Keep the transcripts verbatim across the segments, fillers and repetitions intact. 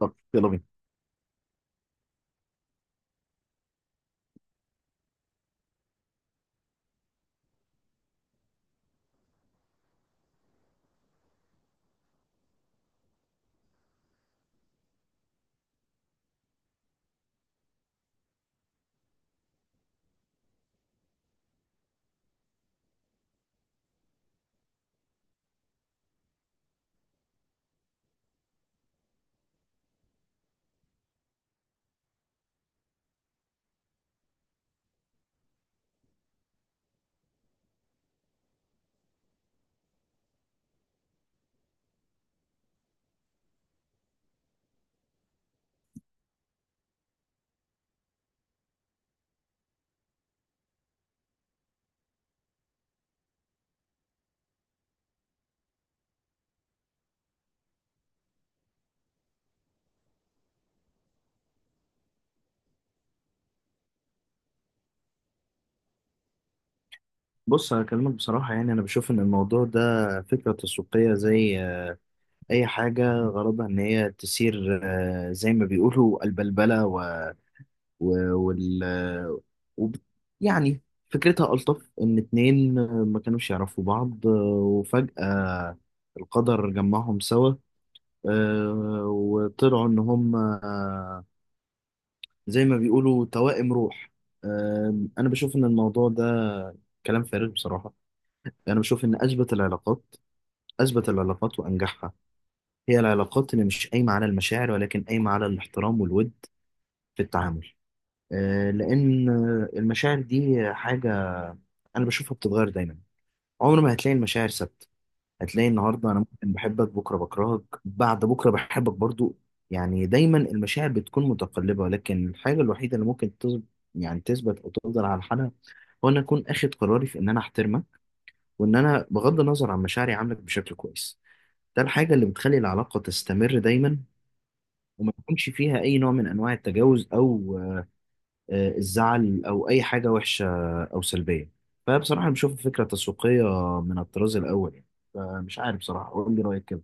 طب، يلا بينا. بص، هكلمك بصراحة. يعني أنا بشوف إن الموضوع ده فكرة تسويقية زي آه، أي حاجة غرضها إن هي تثير، آه، زي ما بيقولوا البلبلة و... و... وال... آه، وب... يعني فكرتها ألطف، إن اتنين آه، ما كانوش يعرفوا بعض، آه، وفجأة القدر جمعهم سوا، آه، وطلعوا إن هم آه، زي ما بيقولوا توائم روح. آه، أنا بشوف إن الموضوع ده كلام فارغ بصراحة. أنا بشوف إن أثبت العلاقات، أثبت العلاقات وأنجحها، هي العلاقات اللي مش قايمة على المشاعر ولكن قايمة على الاحترام والود في التعامل. آه، لأن آه، المشاعر دي حاجة أنا بشوفها بتتغير دايما. عمر ما هتلاقي المشاعر ثابتة. هتلاقي النهاردة أنا ممكن بحبك، بكرة بكرهك، بعد بكرة بحبك برضو. يعني دايما المشاعر بتكون متقلبة، ولكن الحاجة الوحيدة اللي ممكن تثبت، يعني تثبت أو تفضل على حالها، هو أن أكون أخد قراري في إن أنا أحترمك، وإن أنا بغض النظر عن مشاعري عاملك بشكل كويس. ده الحاجة اللي بتخلي العلاقة تستمر دايما، وما يكونش فيها أي نوع من أنواع التجاوز أو آه، الزعل أو أي حاجة وحشة أو سلبية. فبصراحة أنا بشوف فكرة تسويقية من الطراز الأول يعني. فمش عارف بصراحة، قول لي رأيك كده.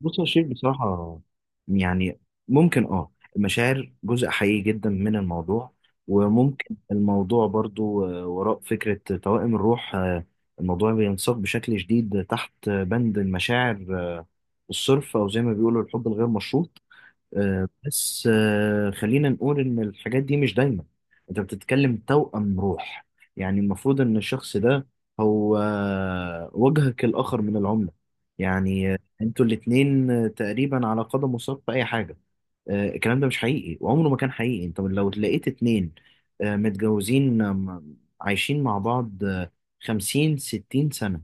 بص يا شيخ، بصراحة يعني ممكن اه المشاعر جزء حقيقي جدا من الموضوع. وممكن الموضوع برضو آه، وراء فكرة توائم الروح، آه، الموضوع بينساق بشكل شديد تحت بند المشاعر آه، الصرف، أو زي ما بيقولوا الحب الغير مشروط. آه، بس آه، خلينا نقول إن الحاجات دي مش دايما. أنت بتتكلم توأم روح، يعني المفروض إن الشخص ده هو آه، وجهك الآخر من العملة. يعني آه، أنتوا الاتنين آه، تقريبا على قدم وساق في أي حاجة. آه، الكلام ده مش حقيقي وعمره ما كان حقيقي. أنت لو لقيت اتنين آه، متجوزين، آه، م- عايشين مع بعض آه، خمسين ستين سنة،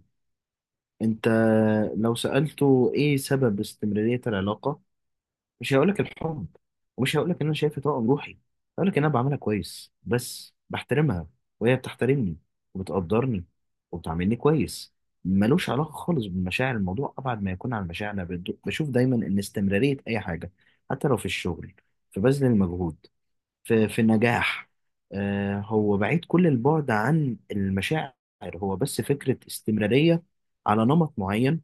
أنت لو سألته إيه سبب استمرارية العلاقة، مش هقولك الحب، ومش هقولك ان انا شايف طاقة بروحي. هقولك ان انا بعملها كويس بس، بحترمها وهي بتحترمني وبتقدرني وبتعاملني كويس. ملوش علاقة خالص بالمشاعر، الموضوع أبعد ما يكون عن المشاعر. أنا بد- بشوف دايما إن استمرارية أي حاجة، حتى لو في الشغل، في بذل المجهود، في في النجاح، آه هو بعيد كل البعد عن المشاعر. هو بس فكرة استمرارية على نمط معين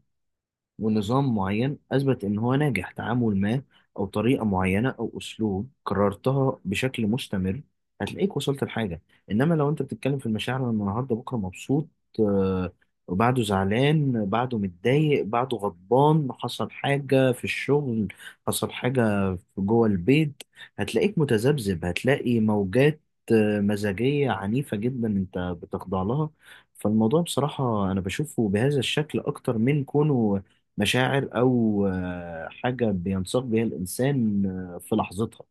ونظام معين أثبت إن هو ناجح، تعامل ما أو طريقة معينة أو أسلوب كررتها بشكل مستمر، هتلاقيك وصلت لحاجة. إنما لو أنت بتتكلم في المشاعر، أنا النهاردة بكرة مبسوط، آه، وبعده زعلان، بعده متضايق، بعده غضبان، حصل حاجة في الشغل، حصل حاجة في جوه البيت، هتلاقيك متذبذب، هتلاقي موجات آه، مزاجية عنيفة جدا أنت بتخضع لها. فالموضوع بصراحة أنا بشوفه بهذا الشكل أكتر من كونه مشاعر أو آه، حاجة بينساق بيها الإنسان آه، في لحظتها.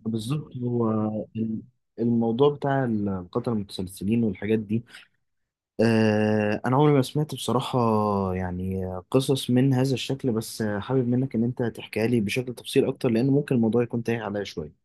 بالظبط، هو ال- الموضوع بتاع القتلة المتسلسلين والحاجات دي، آه، أنا عمري ما سمعت بصراحة يعني قصص من هذا الشكل. بس آه، حابب منك إن أنت تحكيها لي بشكل تفصيل أكتر، لأن ممكن الموضوع يكون تايه عليا شوية.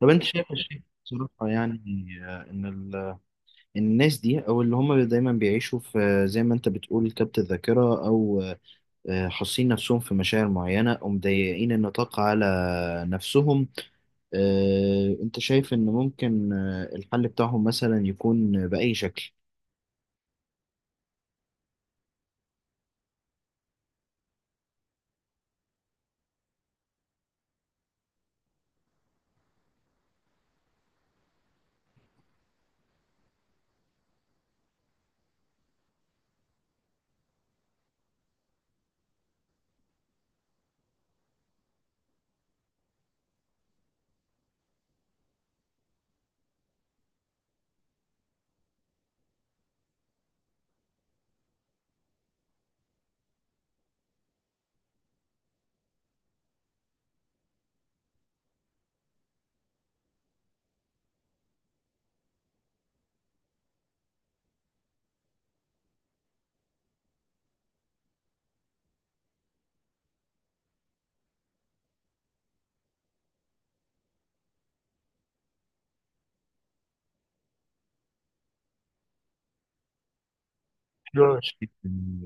طب أنت شايف الشيء بصراحة، يعني آه، إن ال- الناس دي، أو اللي هم دايما بيعيشوا في، آه، زي ما أنت بتقول، كبت الذاكرة، أو آه، حاسين نفسهم في مشاعر معينة، أو مضيقين النطاق على نفسهم، آه، أنت شايف إن ممكن آه، الحل بتاعهم مثلا يكون بأي شكل؟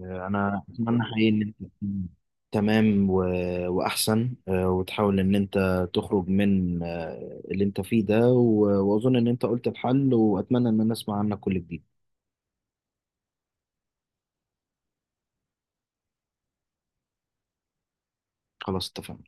أنا أتمنى حقيقي إن أنت تكون تمام و... وأحسن، آه، وتحاول إن أنت تخرج من آه، اللي أنت فيه ده، و... وأظن إن أنت قلت الحل، وأتمنى إن أنا أسمع عنك كل جديد. خلاص، اتفقنا.